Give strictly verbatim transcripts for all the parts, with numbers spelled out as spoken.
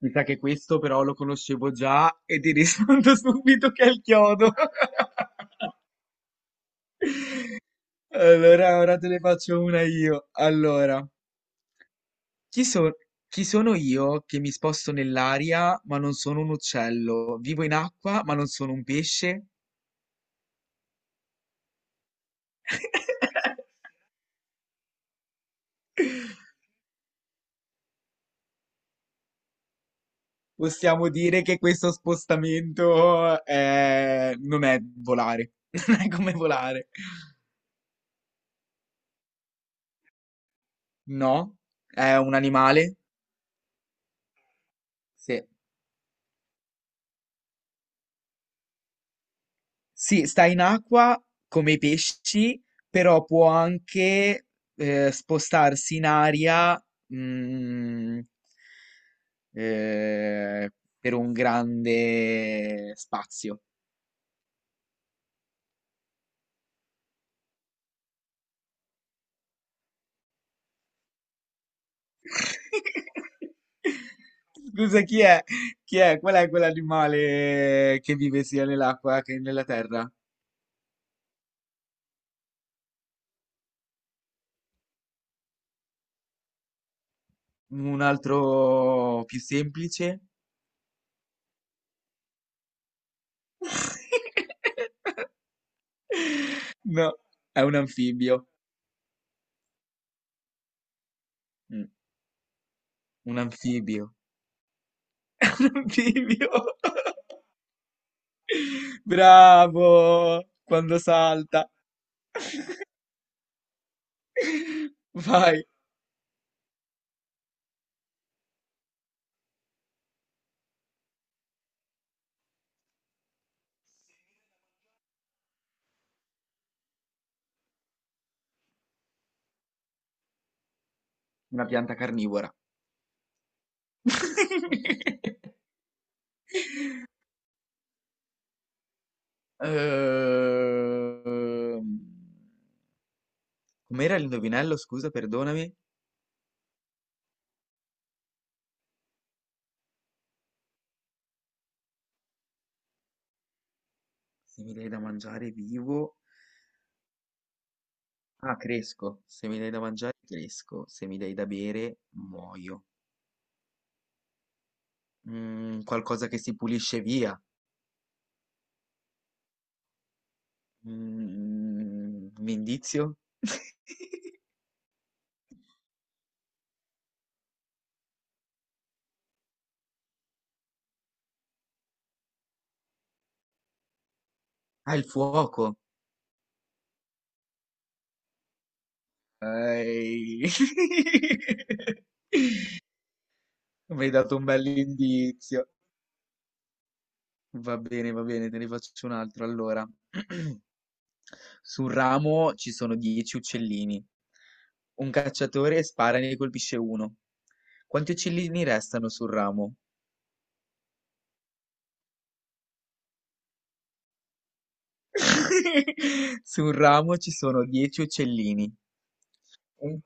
Mi sa che questo però lo conoscevo già e ti rispondo subito che è il chiodo. Allora, ora te ne faccio una io. Allora, chi, so- chi sono io che mi sposto nell'aria ma non sono un uccello? Vivo in acqua ma non sono un pesce? Possiamo dire che questo spostamento è- non è volare, non è come volare. No, è un animale? Sì. Sì, sta in acqua come i pesci, però può anche eh, spostarsi in aria, mm, eh, per un grande spazio. Scusa, chi è? Chi è? Qual è quell'animale che vive sia nell'acqua che nella terra? Un altro più semplice? No, è un anfibio. Mm. Un anfibio. Bivio. Bravo! Quando salta. Vai. Una pianta carnivora. Ehm, Com'era l'indovinello? Scusa, perdonami. Se mi dai da mangiare vivo. Ah, cresco. Se mi dai da mangiare, cresco. Se mi dai da bere, muoio. Mm, qualcosa che si pulisce via. Mm, un indizio? Ah, il fuoco. Ehi. Mi hai dato un bell'indizio. Va bene, va bene, te ne faccio un altro. Allora, sul ramo ci sono dieci uccellini. Un cacciatore spara e ne colpisce uno. Quanti uccellini restano sul ramo? Sul ramo ci sono dieci uccellini. Un-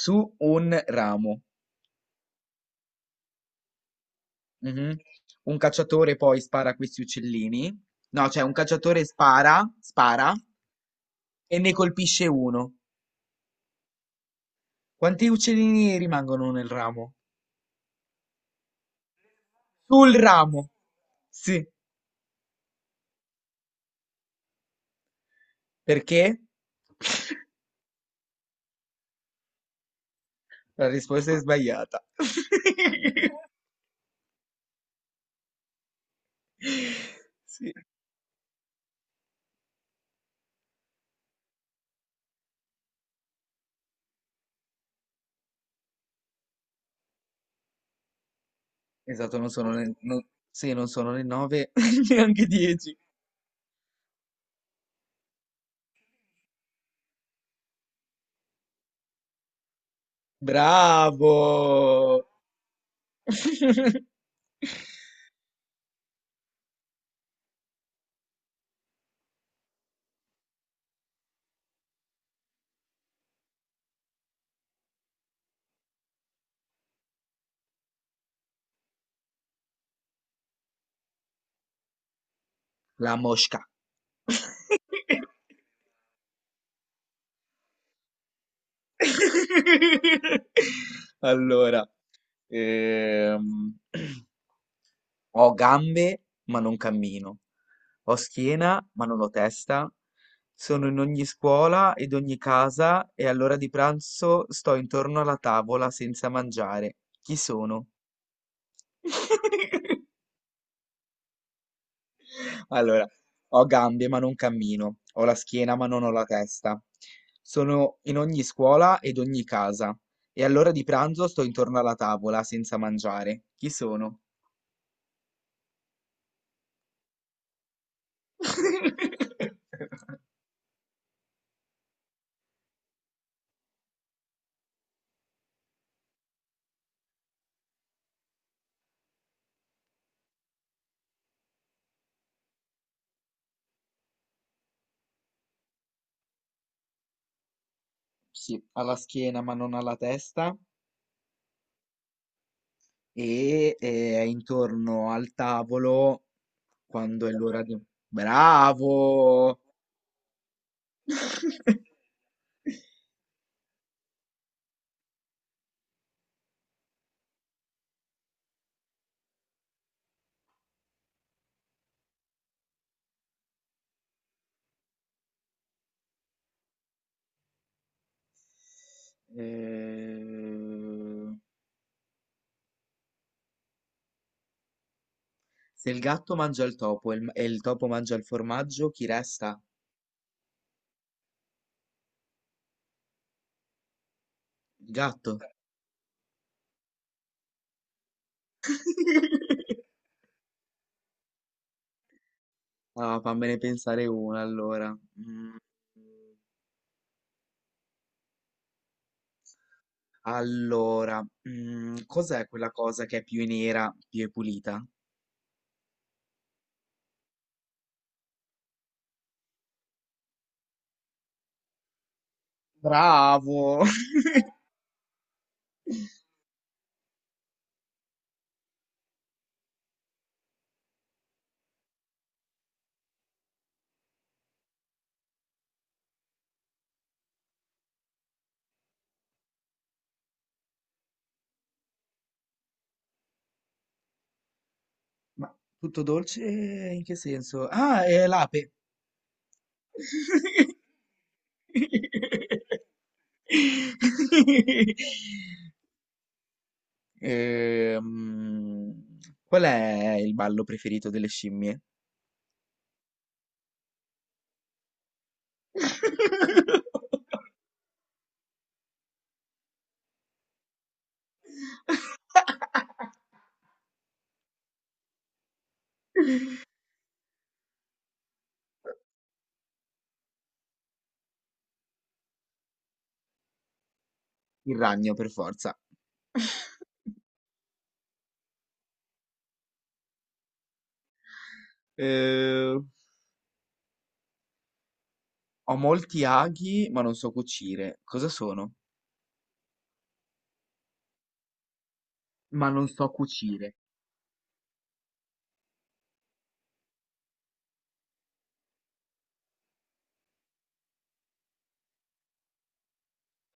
Su un ramo. Mhm. Un cacciatore poi spara a questi uccellini. No, cioè un cacciatore spara, spara e ne colpisce uno. Quanti uccellini rimangono nel ramo? Sul ramo. Sì, perché? La risposta è sbagliata. Sì, esatto, non sono né, non, sì, non sono né nove neanche dieci. Bravo! La mosca. Allora, ehm, ho gambe ma non cammino, ho schiena ma non ho testa, sono in ogni scuola ed ogni casa e all'ora di pranzo sto intorno alla tavola senza mangiare. Chi sono? Allora, ho gambe ma non cammino, ho la schiena ma non ho la testa. Sono in ogni scuola ed ogni casa, e all'ora di pranzo sto intorno alla tavola senza mangiare. Chi sono? Sì, ha la schiena ma non ha la testa, e eh, è intorno al tavolo quando è l'ora di... Bravo! Eh, se il gatto mangia il topo e il, e il topo mangia il formaggio, chi resta? Il gatto. Ah, fammene pensare una allora. Mm, allora, mm, cos'è quella cosa che è più nera, più è pulita? Bravo! Ma tutto dolce in che senso? Ah, è l'ape. Ehm, qual è il ballo preferito delle scimmie? Il ragno, per forza. Eh, ho molti aghi, ma non so cucire. Cosa sono? Ma non so cucire.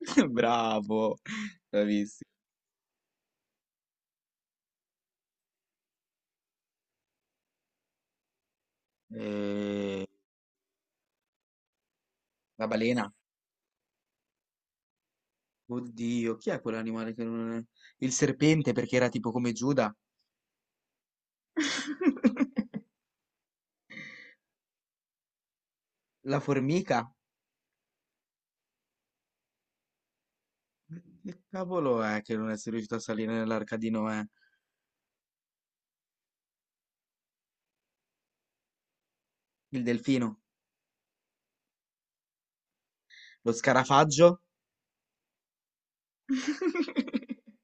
Bravo, bravissimo. Eh, la balena. Oddio, chi è quell'animale che non è? Il serpente, perché era tipo come Giuda. La formica. Che cavolo è che non è riuscito a salire nell'arca di Noè? Il delfino. Lo scarafaggio.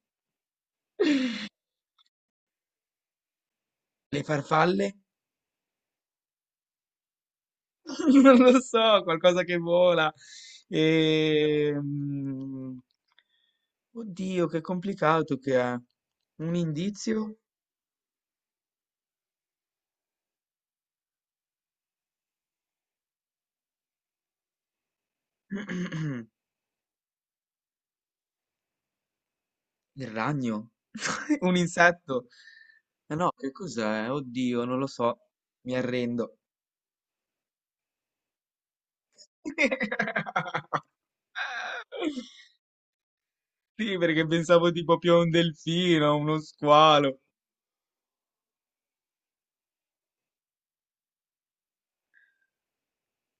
Le farfalle. Non lo so, qualcosa che vola. E... mm, Oddio, che complicato che è. Un indizio? Il ragno? Un insetto? Ma no, che cos'è? Oddio, non lo so. Mi arrendo. Sì, perché pensavo tipo più a un delfino, a uno squalo.